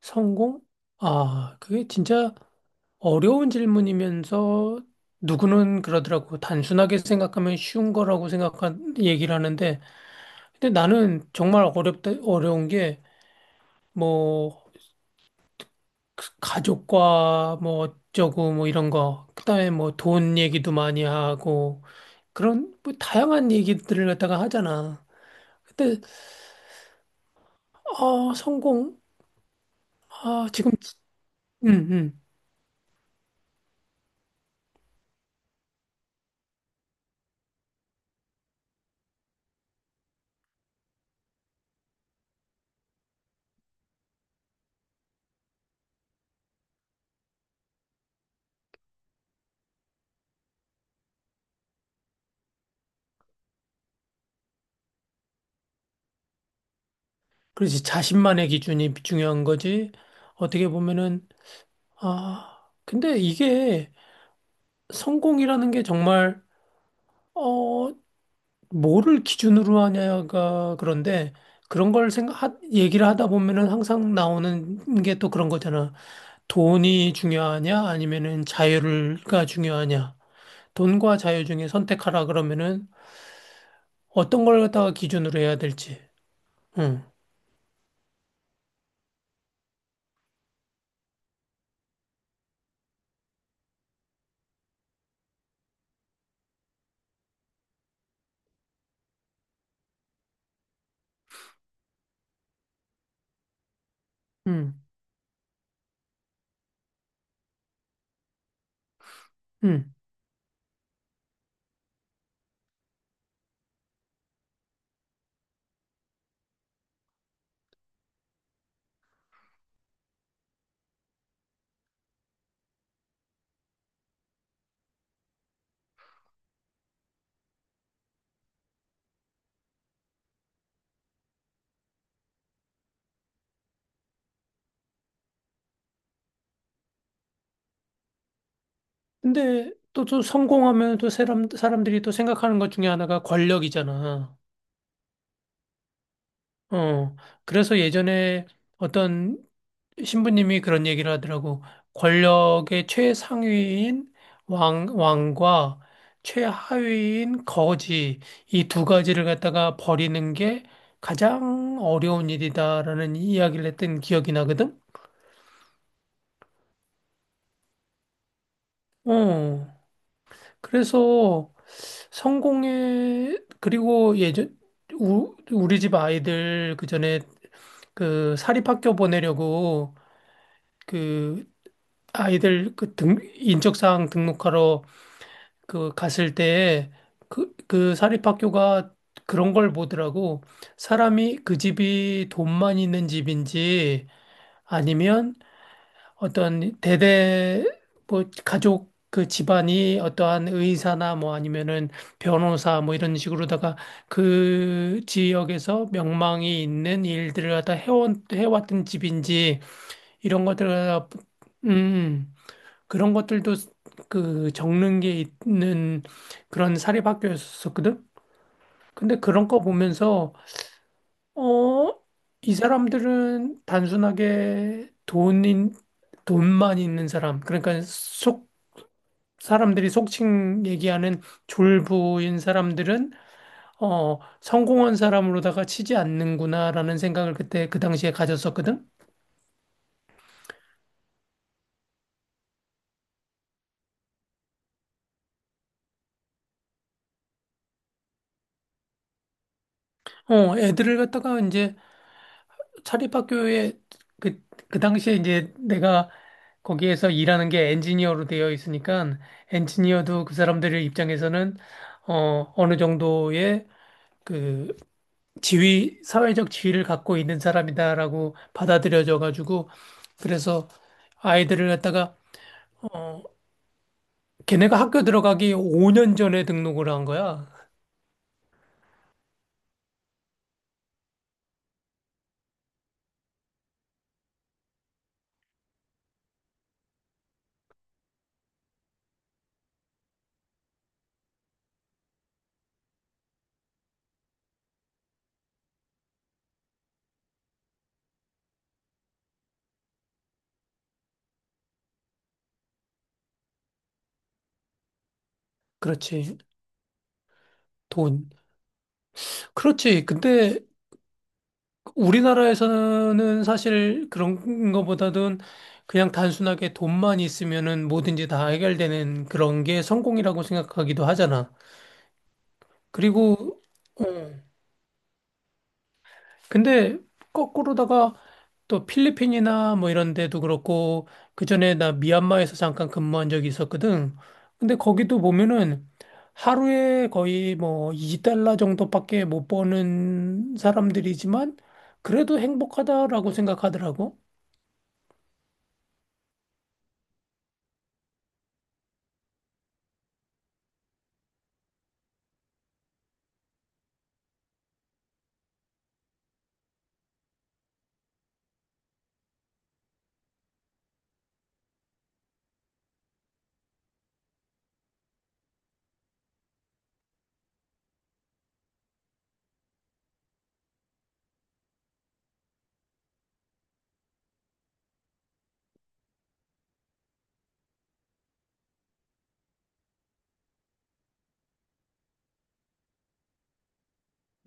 성공? 아, 그게 진짜 어려운 질문이면서 누구는 그러더라고. 단순하게 생각하면 쉬운 거라고 생각한 얘기를 하는데, 근데 나는 정말 어렵다, 어려운 게, 뭐, 가족과 뭐 어쩌고 뭐 이런 거, 그다음에 뭐 돈 얘기도 많이 하고, 그런 뭐 다양한 얘기들을 갖다가 하잖아. 근데, 아, 성공? 아, 지금, 음, 음. 그렇지. 자신만의 기준이 중요한 거지. 어떻게 보면은, 아, 근데 이게 성공이라는 게 정말, 어, 뭐를 기준으로 하냐가 그런데 그런 걸 얘기를 하다 보면은 항상 나오는 게 또 그런 거잖아. 돈이 중요하냐, 아니면은 자유가 중요하냐. 돈과 자유 중에 선택하라 그러면은 어떤 걸 갖다가 기준으로 해야 될지. 응, 응, 응. 근데 또 성공하면 또 사람들이 또 생각하는 것 중에 하나가 권력이잖아. 어, 그래서 예전에 어떤 신부님이 그런 얘기를 하더라고. 권력의 최상위인 왕과 최하위인 거지, 이 두 가지를 갖다가 버리는 게 가장 어려운 일이다라는 이야기를 했던 기억이 나거든? 어, 그래서 성공의, 그리고 예전, 우리 집 아이들 그 전에 그 사립학교 보내려고 그 아이들 그 인적사항 등록하러 그 갔을 때 그 사립학교가 그런 걸 보더라고. 사람이 그 집이 돈만 있는 집인지 아니면 어떤 대대 뭐 가족 그 집안이 어떠한 의사나 뭐 아니면은 변호사 뭐 이런 식으로다가 그 지역에서 명망이 있는 일들을 갖다 해왔던 집인지 이런 것들을 갖다 음. 그런 것들도 그 적는 게 있는 그런 사립학교였었거든. 근데 그런 거 보면서 어, 이 사람들은 단순하게 돈인 돈만 있는 사람, 그러니까 속 사람들이 속칭 얘기하는 졸부인 사람들은 성공한 사람으로다가 치지 않는구나라는 생각을 그때 그 당시에 가졌었거든. 애들을 갖다가 이제 사립학교에 그, 그 당시에 이제 내가 거기에서 일하는 게 엔지니어로 되어 있으니까 엔지니어도 그 사람들의 입장에서는 어느 정도의 그 사회적 지위를 갖고 있는 사람이다라고 받아들여져 가지고 그래서 아이들을 갖다가 어, 걔네가 학교 들어가기 5년 전에 등록을 한 거야. 그렇지. 돈. 그렇지. 근데 우리나라에서는 사실 그런 것보다는 그냥 단순하게 돈만 있으면은 뭐든지 다 해결되는 그런 게 성공이라고 생각하기도 하잖아. 그리고, 어, 근데 거꾸로다가 또 필리핀이나 뭐 이런 데도 그렇고, 그전에 나 미얀마에서 잠깐 근무한 적이 있었거든. 근데 거기도 보면은 하루에 거의 뭐 2달러 정도밖에 못 버는 사람들이지만 그래도 행복하다라고 생각하더라고.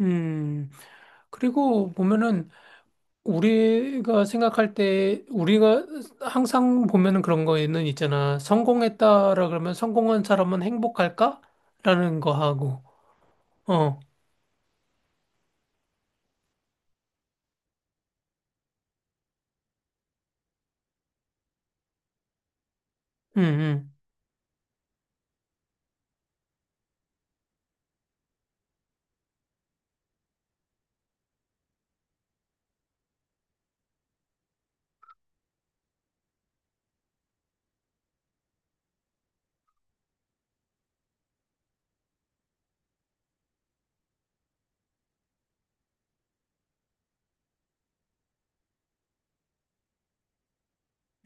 음. 그리고 보면은 우리가 생각할 때 우리가 항상 보면은 그런 거에는 있잖아. 성공했다라 그러면 성공한 사람은 행복할까? 라는 거 하고. 어. 음. 음.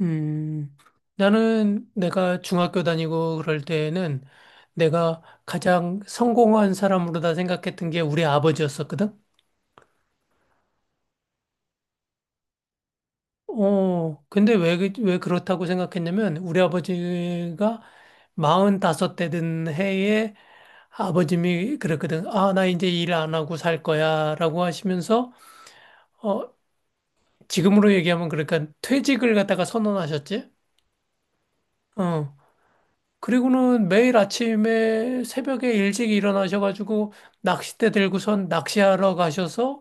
음. 나는 내가 중학교 다니고 그럴 때에는 내가 가장 성공한 사람으로 다 생각했던 게 우리 아버지였었거든. 근데 왜, 왜 그렇다고 생각했냐면, 우리 아버지가 45 대 된 해에 아버님이 그랬거든. 아, 나 이제 일 안 하고 살 거야. 라고 하시면서, 어, 지금으로 얘기하면 그러니까 퇴직을 갖다가 선언하셨지? 어. 그리고는 매일 아침에 새벽에 일찍 일어나셔가지고 낚싯대 들고선 낚시하러 가셔서,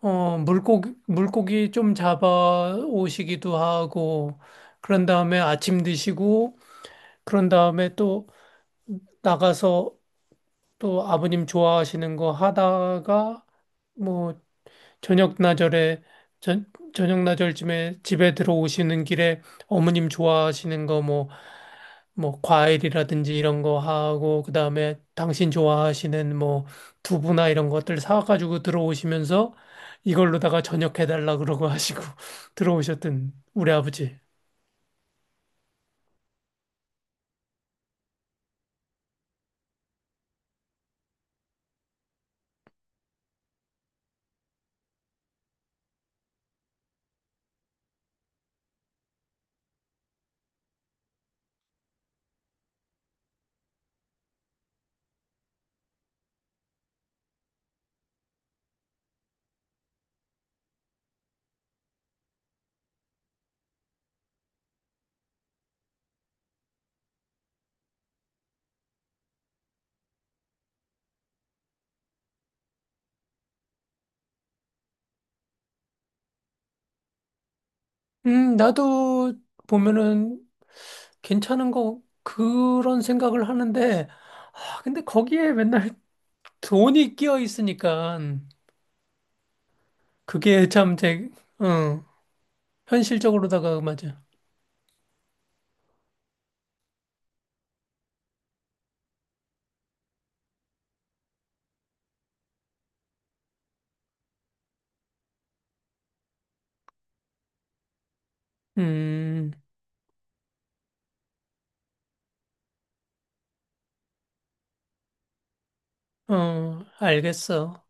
물고기 좀 잡아 오시기도 하고, 그런 다음에 아침 드시고, 그런 다음에 또 나가서 또 아버님 좋아하시는 거 하다가 뭐 저녁 나절에 저, 저녁 나절쯤에 집에 들어오시는 길에 어머님 좋아하시는 거 뭐 과일이라든지 이런 거 하고 그다음에 당신 좋아하시는 뭐 두부나 이런 것들 사가지고 들어오시면서 이걸로다가 저녁 해달라 그러고 하시고 들어오셨던 우리 아버지. 나도 보면은 괜찮은 거 그런 생각을 하는데 근데 거기에 맨날 돈이 끼어 있으니까 그게 참 어, 현실적으로다가 맞아. 음, 알겠어.